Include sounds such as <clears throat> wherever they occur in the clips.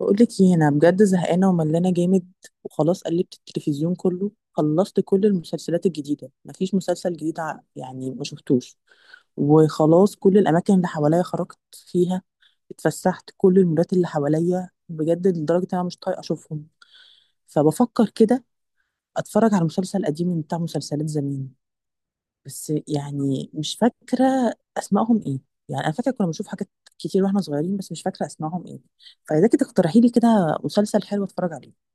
بقولك ايه، انا بجد زهقانه وملانه جامد. وخلاص قلبت التلفزيون كله، خلصت كل المسلسلات الجديده، مفيش مسلسل جديد يعني ما شفتوش. وخلاص كل الاماكن اللي حواليا خرجت فيها، اتفسحت كل المولات اللي حواليا بجد لدرجه ان انا مش طايقه اشوفهم. فبفكر كده اتفرج على مسلسل قديم من بتاع مسلسلات زمان، بس يعني مش فاكرة أسمائهم إيه. يعني أنا فاكرة كنا بنشوف حاجات كتير وإحنا صغيرين، بس مش فاكرة أسمائهم إيه. فإذا كنت تقترحي لي كده مسلسل حلو أتفرج عليه.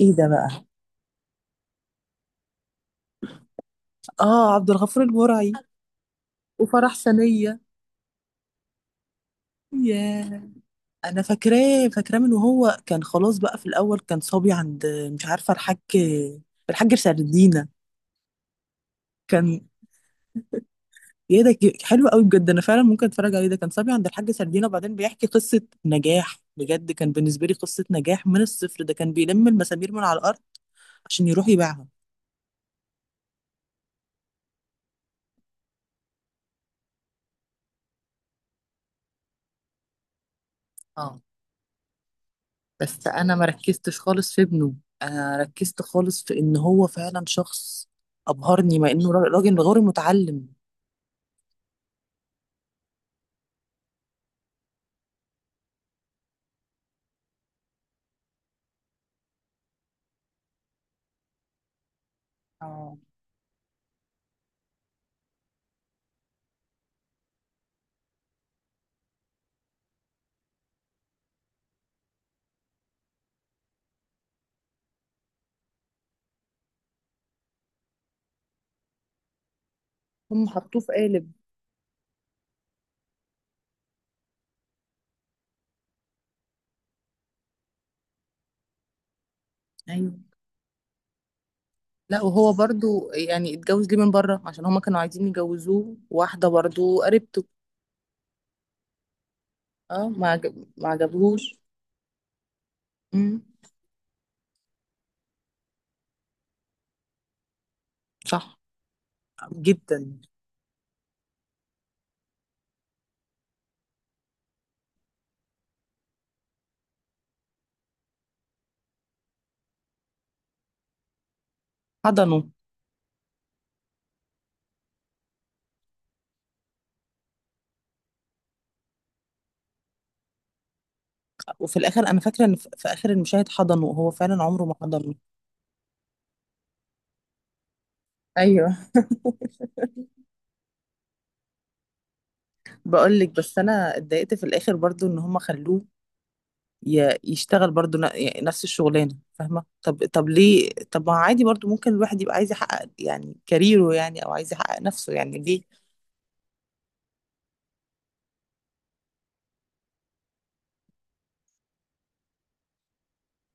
إيه ده بقى؟ آه، عبد الغفور البرعي. وفرح سنية. ياه. أنا فاكراه فاكراه من وهو كان، خلاص بقى في الأول كان صبي عند، مش عارفة، الحاج. الحاج سردينة. كان، ايه ده، حلو قوي بجد، انا فعلا ممكن اتفرج عليه. ده كان صبي عند الحاج سردينة، وبعدين بيحكي قصة نجاح. بجد كان بالنسبة لي قصة نجاح من الصفر، ده كان بيلم المسامير من على الارض عشان يروح يبيعها. اه، بس انا ما ركزتش خالص في ابنه، انا ركزت خالص في ان هو فعلا شخص ابهرني مع انه راجل غير متعلم. اه، هم حطوه في قالب. ايوه. لا، وهو برضو يعني اتجوز ليه من بره؟ عشان هما كانوا عايزين يجوزوه واحدة برضو قريبته. اه، ما عجبهوش. صح. جدا. حضنه. وفي الاخر انا فاكره ان في اخر المشاهد حضنه، وهو فعلا عمره ما حضنه. ايوه. <laughs> بقول لك، بس انا اتضايقت في الاخر برضو ان هم خلوه يشتغل برضو، يعني نفس الشغلانه، فاهمه؟ طب ليه؟ طب ما عادي برضو، ممكن الواحد يبقى عايز يحقق يعني كاريره يعني، او عايز يحقق نفسه، يعني ليه؟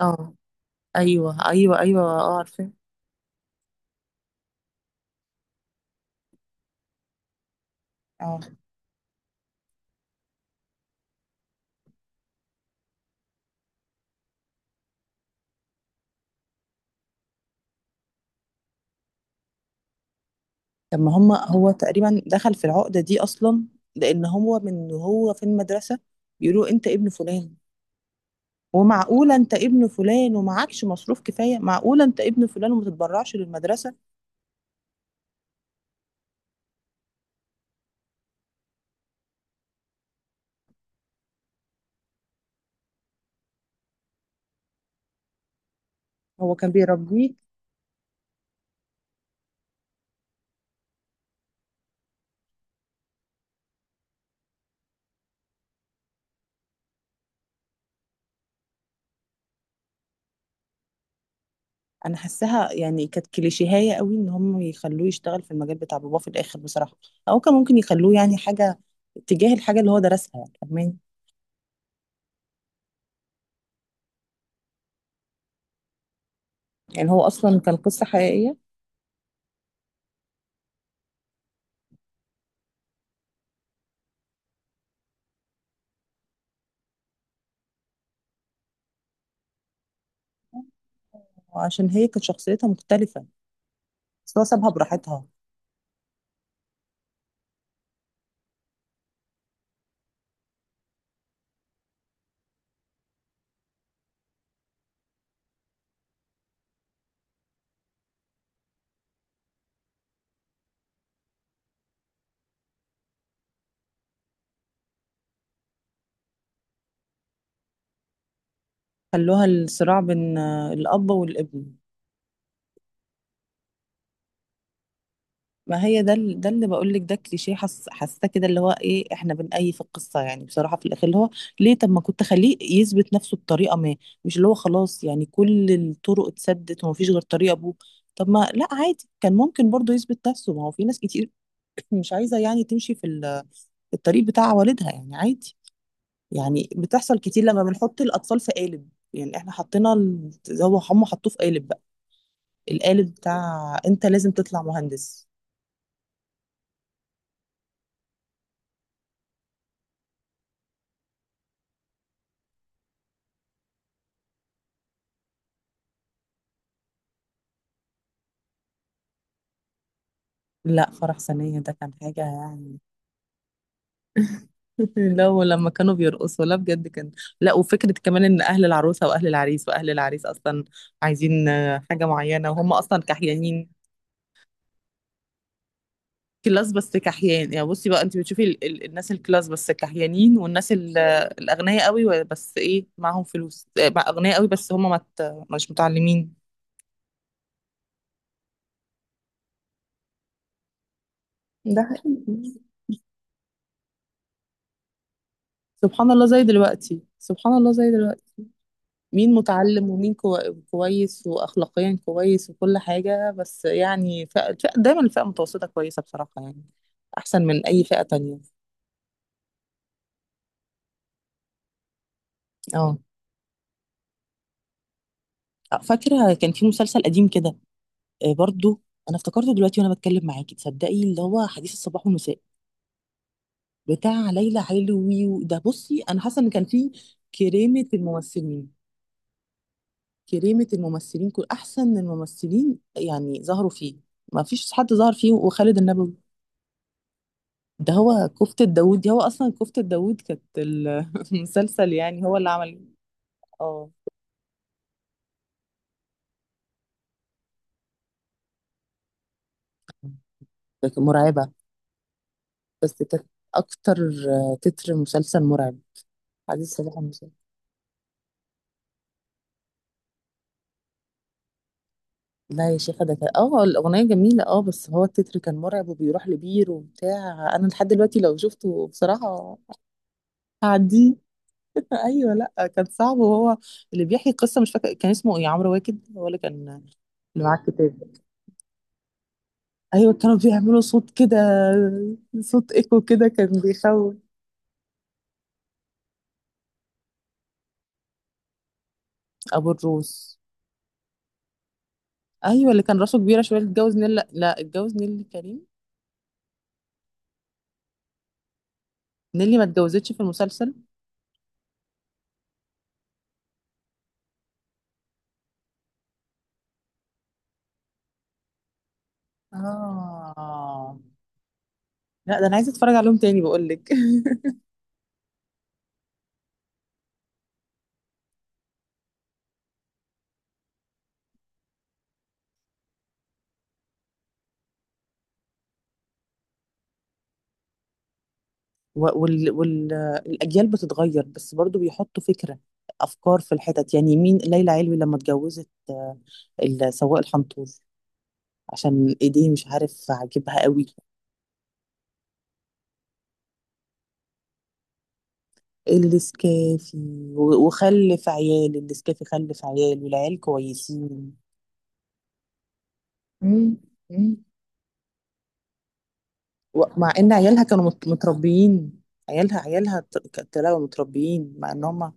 اه. ايوه، ايوه، ايوه، اه، عارفه. اه. طب ما هم، هو تقريبا دخل في العقده دي اصلا لان هو من هو في المدرسه بيقولوا انت ابن فلان. ومعقولة أنت ابن فلان ومعكش مصروف كفاية؟ معقولة أنت ابن فلان وما تتبرعش للمدرسة؟ هو كان بيربيه. أنا حاساها يعني كانت كليشيهية قوي إن هم يخلوه يشتغل في المجال بتاع باباه في الآخر، بصراحة. أو كان ممكن يخلوه يعني حاجة تجاه الحاجة اللي هو درسها، يعني فاهماني. يعني هو أصلا كان قصة حقيقية. وعشان هي كانت شخصيتها مختلفة. بس هو سابها براحتها. خلوها الصراع بين الأب والابن. ما هي ده ده اللي بقول لك، ده كليشيه، حاسه كده اللي هو ايه، احنا بنأيف القصه يعني بصراحه في الاخر اللي هو ليه؟ طب ما كنت خليه يثبت نفسه بطريقه ما، مش اللي هو خلاص يعني كل الطرق اتسدت ومفيش غير طريقه ابوه. طب، ما لا عادي، كان ممكن برضه يثبت نفسه. ما هو في ناس كتير <coughs> <clears throat> مش عايزه يعني تمشي في الطريق بتاع والدها، يعني عادي. يعني بتحصل كتير لما بنحط الاطفال في قالب. يعني احنا حطينا هو هم حطوه في قالب بقى. القالب بتاع انت لازم تطلع مهندس. لا، فرح ثانية ده كان حاجة يعني. <laughs> لا، ولما كانوا بيرقصوا، لا بجد كان. لا، وفكرة كمان ان اهل العروسة واهل العريس، واهل العريس اصلا عايزين حاجة معينة وهم اصلا كحيانين. كلاس بس كحيان يعني. بصي بقى، انت بتشوفي ال الناس الكلاس بس كحيانين، والناس الاغنياء قوي، بس ايه، معاهم فلوس بقى، اغنياء قوي بس هم مش متعلمين. ده حقيقي. سبحان الله زي دلوقتي، سبحان الله زي دلوقتي. مين متعلم ومين كويس واخلاقيا كويس وكل حاجه؟ بس يعني دايما الفئه المتوسطه كويسه بصراحه، يعني احسن من اي فئه تانية. اه، فاكره كان في مسلسل قديم كده برضو، انا افتكرته دلوقتي وانا بتكلم معاكي، تصدقي؟ اللي هو حديث الصباح والمساء بتاع ليلى علوي ده. بصي، انا حاسه ان كان فيه كريمه الممثلين، كريمه الممثلين، كل احسن الممثلين يعني ظهروا فيه، ما فيش حد ظهر فيه. وخالد النبوي ده، هو كفتة داوود دي، هو أصلا كفتة داوود كانت <laughs> المسلسل يعني هو اللي عمل. اه، كانت مرعبة. بس كانت أكتر، تتر مسلسل مرعب. عزيز صباح المسلسل. لا يا شيخة، ده كان، الأغنية جميلة، بس هو التتر كان مرعب وبيروح لبير وبتاع. أنا لحد دلوقتي لو شفته بصراحة هعديه. <laughs> أيوه، لأ كان صعب. وهو اللي بيحكي القصة، مش فاكر كان اسمه إيه، عمرو واكد، هو اللي كان اللي معاه الكتاب. ايوه، كانوا بيعملوا صوت كده، صوت ايكو كده كان بيخوف. ابو الروس. ايوه، اللي كان راسه كبيره شويه، اللي اتجوز نيللي، لا، اتجوز نيللي كريم. نيللي ما اتجوزتش في المسلسل. اه. لا، ده انا عايزه اتفرج عليهم تاني، بقول لك. <laughs> والاجيال وال... الأجيال بتتغير، بس برضو بيحطوا فكره، افكار في الحتت. يعني مين ليلى علوي لما اتجوزت سواق الحنطور؟ عشان ايديه مش عارف عاجبها قوي. النسكافي. وخلف عيال النسكافي، خلف عيال والعيال كويسين. مم. مم. مع ان عيالها كانوا متربيين. عيالها طلعوا متربيين مع ان هما.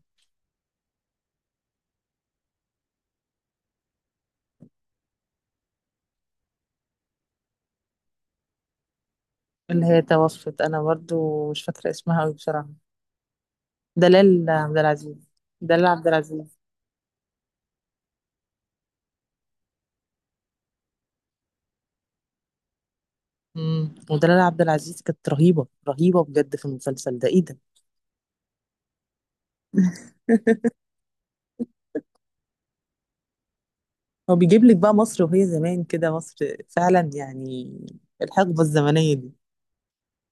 اللي هي توفت انا برضو مش فاكره اسمها قوي بصراحه. دلال عبد العزيز. دلال عبد العزيز. ودلال عبد العزيز كانت رهيبه رهيبه بجد في المسلسل ده، ايه ده! <laughs> هو بيجيب لك بقى مصر وهي زمان كده، مصر فعلا يعني الحقبه الزمنيه دي،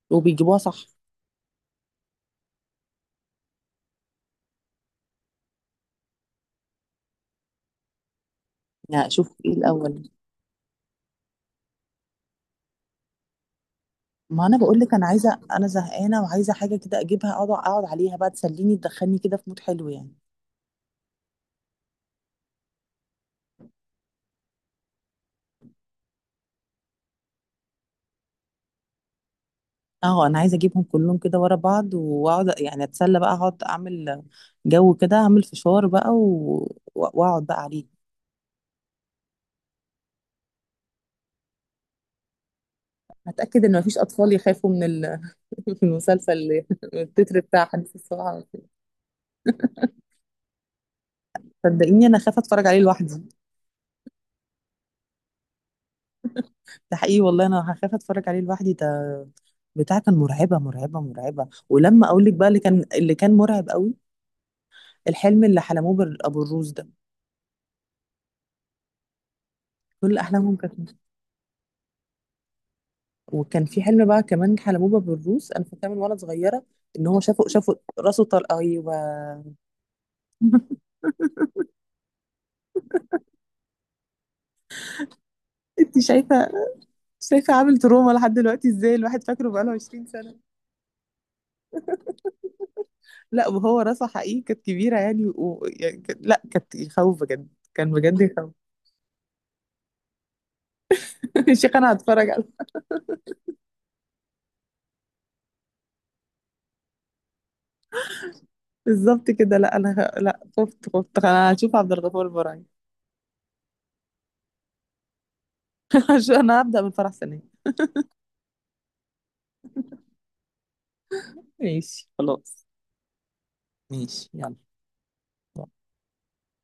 وبيجيبوها صح. لا، شوف ايه الاول. ما انا بقول لك، انا زهقانه وعايزه حاجه كده اجيبها، اقعد عليها بقى، تسليني، تدخلني كده في مود حلو يعني. اه، انا عايزه اجيبهم كلهم كده ورا بعض واقعد يعني اتسلى بقى، اقعد اعمل جو كده، اعمل فشار بقى واقعد بقى عليه. هتاكد ان مفيش اطفال يخافوا من ال... <laughs> من المسلسل اللي- <laughs> من التتر بتاع حديث الصباح. صدقيني انا خايفه اتفرج عليه لوحدي. ده حقيقي والله، انا هخاف اتفرج عليه لوحدي. ده بتاع كان مرعبه مرعبه مرعبه. ولما اقول لك بقى، اللي كان مرعب قوي، الحلم اللي حلموه ابو الروس ده. كل احلامهم كانت. وكان في حلم بقى كمان حلموه بابو الروس، انا فاكره من وانا صغيره، ان هو شافوا، راسه طلق. ايوه. <laughs> انت شايفه؟ شايفه عامل تروما لحد دلوقتي؟ ازاي الواحد فاكره بقاله 20 سنه. لا، وهو راسه حقيقي كانت كبيره يعني، يعني لا، كانت يخوف بجد. كان بجد يخوف. <laughs> يا شيخ انا هتفرج على بالظبط كده. لا، انا لا، خفت، انا هشوف عبد الغفور البرعي. <laughs> عشان انا هبدا من فرح سنه. ماشي خلاص. ماشي يلا.